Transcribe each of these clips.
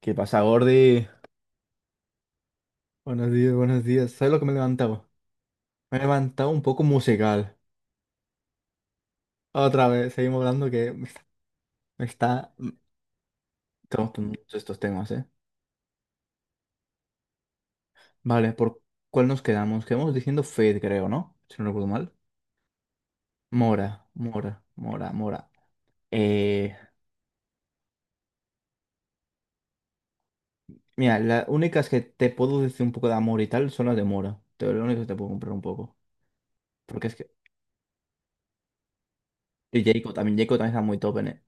¿Qué pasa, Gordy? Buenos días, buenos días. ¿Sabes lo que me he levantado? Me he levantado un poco musical. Otra vez, seguimos hablando que me está- Estamos gustan mucho estos temas, ¿eh? Vale, ¿por cuál nos quedamos? Quedamos diciendo Fade, creo, ¿no? Si no recuerdo mal. Mora, Mora, Mora, Mora. Eh, Mira, las únicas que te puedo decir un poco de amor y tal son las de Mora. Lo único que te puedo comprar un poco. Porque es que. Y Jacob también está muy top, ¿eh?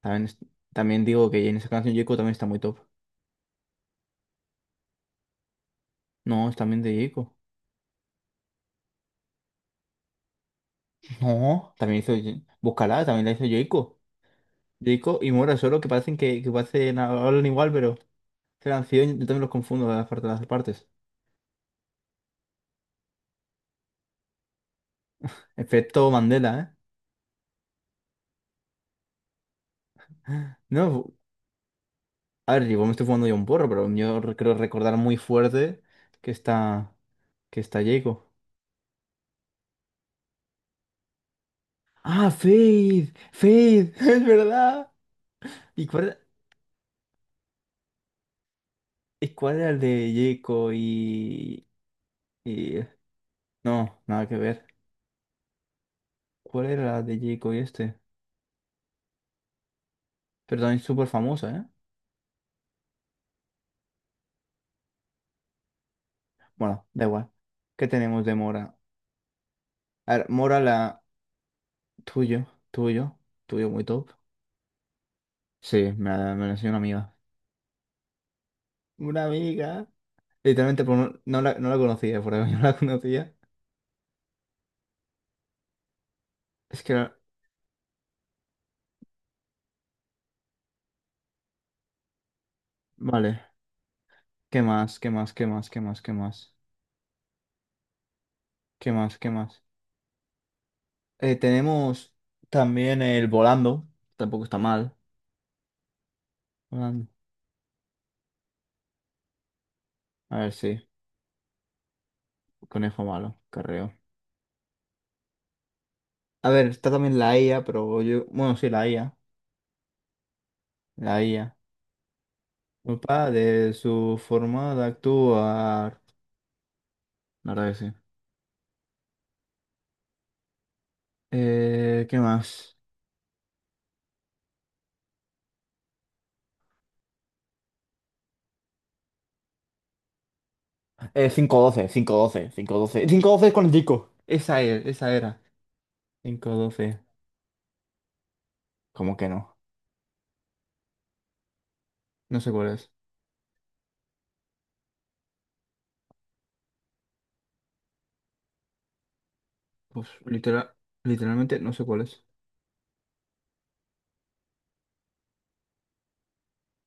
También, es- también digo que en esa canción Jacob también está muy top. No, es también de Jacob. No, también hizo. Búscala, también la hizo Yoico. Yoico y Mora, solo que parecen que parecen, hablan igual, pero se han sido yo también los confundo de las partes, las partes. Efecto Mandela, ¿eh? No, a ver, igual me estoy fumando yo un porro, pero creo recordar muy fuerte que está. que está Yoico. ¡Ah, Faith! ¡Faith! ¡Es verdad! ¿Y cuál, y cuál era el de Yoico y. No, nada que ver. ¿Cuál era la de Yoico y este? Pero también súper famosa, ¿eh? Bueno, da igual. ¿Qué tenemos de Mora? A ver, Mora, la tuyo, tuyo, tuyo muy top. Sí, me la enseñó una amiga. Una amiga. Literalmente no, no la conocía, por ahí no la conocía. Es que era- Vale. ¿Qué más? ¿Qué más? ¿Qué más? ¿Qué más? ¿Qué más? ¿Qué más? ¿Qué más? Tenemos también el volando. Tampoco está mal. Volando. A ver, sí. Conejo malo, carreo. A ver, está también la IA, pero yo. Bueno, sí, la IA. La IA. Opa, de su forma de actuar. La verdad que sí. ¿Qué más? Cinco doce, cinco doce, cinco doce, cinco doce es con el disco. Esa es, esa era. Cinco doce. ¿Cómo que no? No sé cuál es. Pues literalmente no sé cuál es.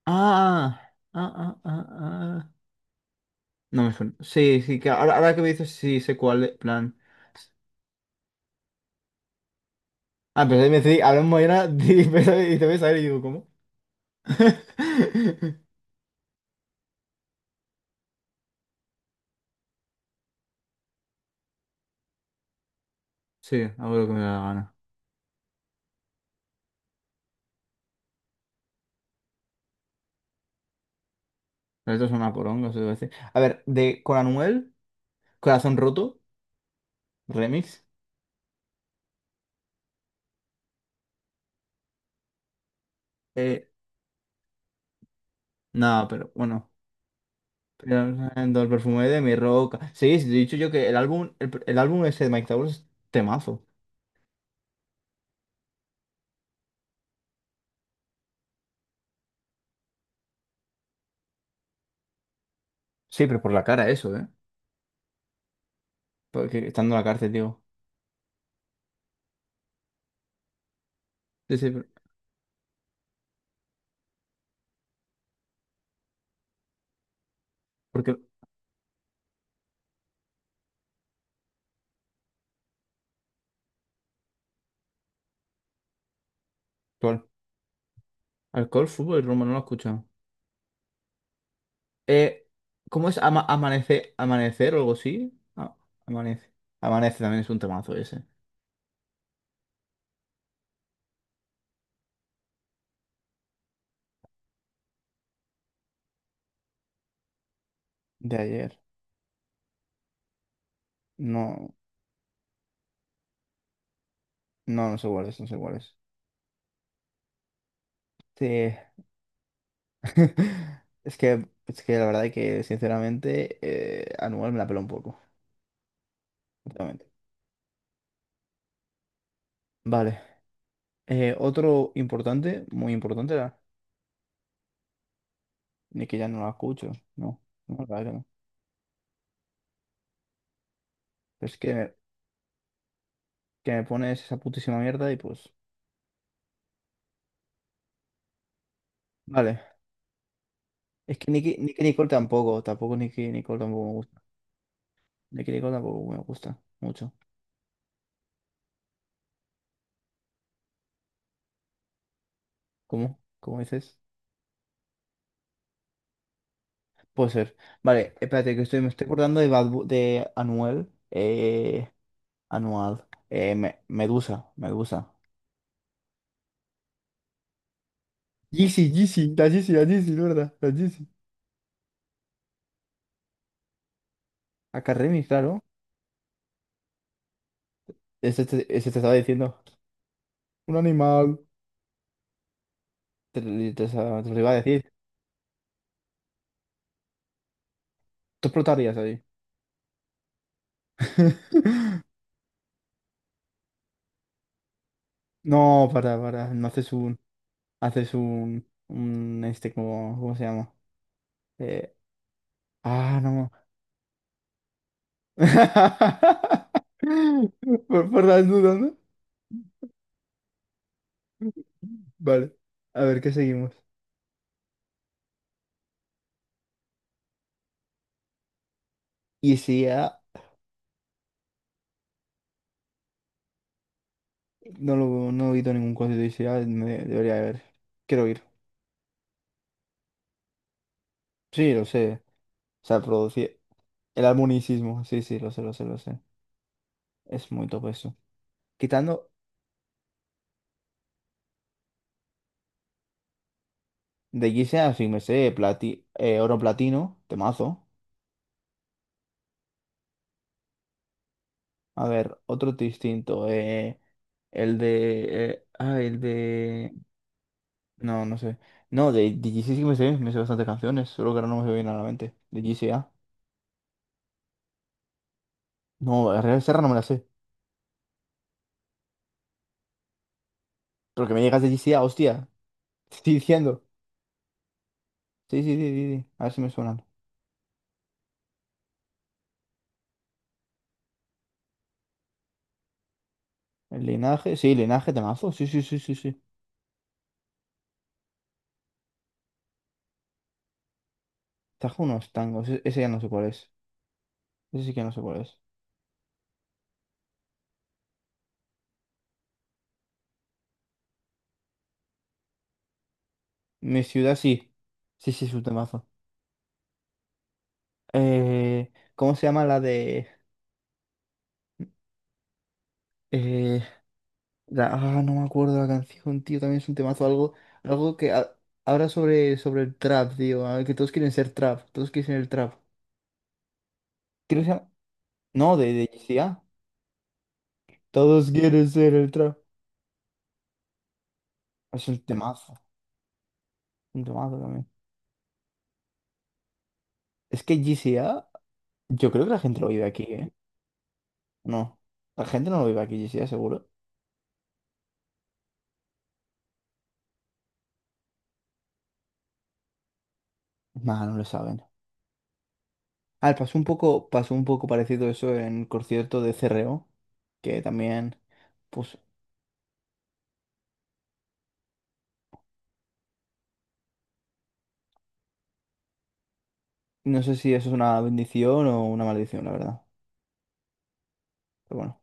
Ah, ah, ah, ah, ah. No me suena. Sí, sí, que ahora que me dices, sí sé cuál es. Plan. Ah, pero me decís, hablamos era, y te ves a ver y digo, ¿cómo? Sí, hago lo que me da la gana. Esto es una poronga, se debe decir. A ver, de con Anuel, Corazón Roto, remix. Eh, no, pero bueno. Pero, del perfume de mi roca. Sí, sí, te he dicho yo que el álbum ese de Mike Towers es temazo. Sí, pero por la cara eso, ¿eh? Porque estando en la cárcel, digo. Sí, sí, porque ¿cuál? Alcohol, fútbol y Roma, no lo he escuchado. Eh, ¿Cómo es amanecer, amanecer o algo así? Ah, amanece. Amanece también es un temazo ese. De ayer. No, no, no sé cuál es, no sé cuál es. Sí. Es que la verdad que sinceramente Anual me la pela un poco, sinceramente. Vale. Otro importante, muy importante era, ni que ya no la escucho. No, no, la verdad que no. Pero es que me pones esa putísima mierda y pues. Vale. Es que Nicki Nicole tampoco Nicki Nicole tampoco me gusta. Nicki Nicole tampoco me gusta mucho. ¿Cómo? ¿Cómo dices? Puede ser. Vale, espérate, me estoy acordando de Anuel. Anual. Medusa, Medusa. Yeezy, Yeezy, la Yeezy, la Yeezy, de ¿verdad? La Yeezy. Akaremi, claro. Ese te estaba diciendo. Un animal. Te lo iba a decir. Tú explotarías ahí. No, para, para. No haces un. Haces un. Un este, como. ¿Cómo se llama? Eh, ah, no. Por las dudas, ¿no? Vale. A ver, ¿qué seguimos? Y si no he visto ningún concierto y sí, debería haber. Quiero ir. Sí, lo sé. O sea, producir. El armonicismo. Sí, sí, lo sé, lo sé, lo sé. Es muy top eso. Quitando de Giseas, así me sé, plati oro platino, temazo. A ver, otro distinto. El de. No, no sé. No, de GC sí que me sé bastantes canciones, solo que ahora no me se viene a la mente. De GCA. No, Real Serra no me la sé. Pero que me llegas de GCA, hostia. Te estoy diciendo. Sí, sí, sí, sí, sí. A ver si me suenan. El linaje, sí, linaje temazo. Sí, sí, sí, sí, sí. Trajo unos tangos. Ese ya no sé cuál es. Ese sí que no sé cuál es. Mi ciudad sí. Sí, sí, es un temazo. ¿Cómo se llama la de. eh, no me acuerdo la canción, tío. También es un temazo. Algo que habla sobre el trap, tío. A ver, que todos quieren ser trap. Todos quieren ser el trap. Creo que se llama. No, de G C A. Todos quieren ser el trap. Es un temazo. Un temazo también. Es que G C A. Yo creo que la gente lo vive aquí, ¿eh? No. La gente no lo vive aquí, sí, seguro. Nah, no lo saben. A ver, pasó un poco parecido eso en el concierto de CRO, que también, pues, no sé si eso es una bendición o una maldición, la verdad. Pero bueno.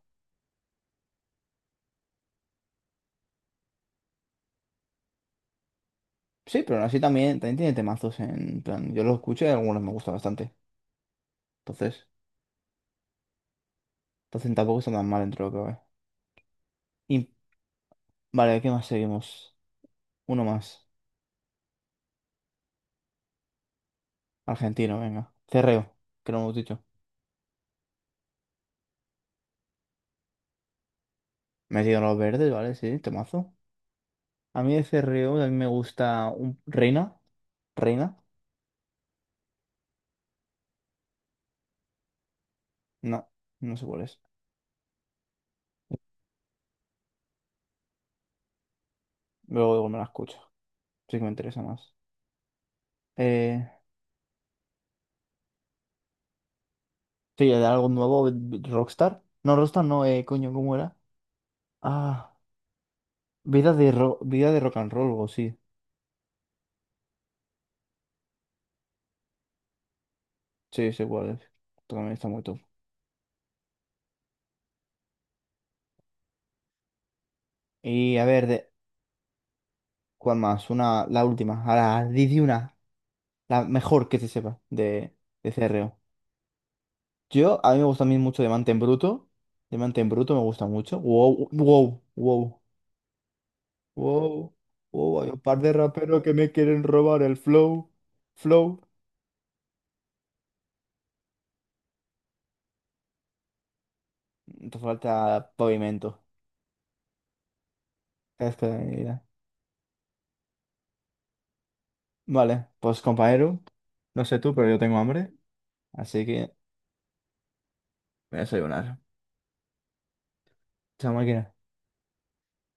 Sí, pero aún así también tiene temazos en plan. Yo los escucho y algunos me gustan bastante. Entonces, entonces tampoco está tan mal dentro de lo que cabe. Y vale, ¿qué más seguimos? Uno más. Argentino, venga. CRO, que no hemos dicho. Metido en los verdes, ¿vale? Sí, temazo. A mí de C. R. O. a mí me gusta un Reina. Reina. No, no sé cuál es. Luego, luego me la escucho. Sí que me interesa más. Eh, sí, de algo nuevo, Rockstar. No, Rockstar no, coño, ¿cómo era? Ah, vida de rock and roll, o sí. Sí, sé cuál es. También está muy top. Y a ver, de. ¿Cuál más? Una, la última. Ahora, di una. La mejor que se sepa de, C. R. O. A mí me gusta a mí mucho Diamante en Bruto. Diamante en Bruto me gusta mucho. Wow, wow, wow. Wow, wow, hay un par de raperos que me quieren robar el flow. Flow. Te falta pavimento. Es que, mira. Vale, pues compañero, no sé tú, pero yo tengo hambre, así que me voy a desayunar. Chao, máquina.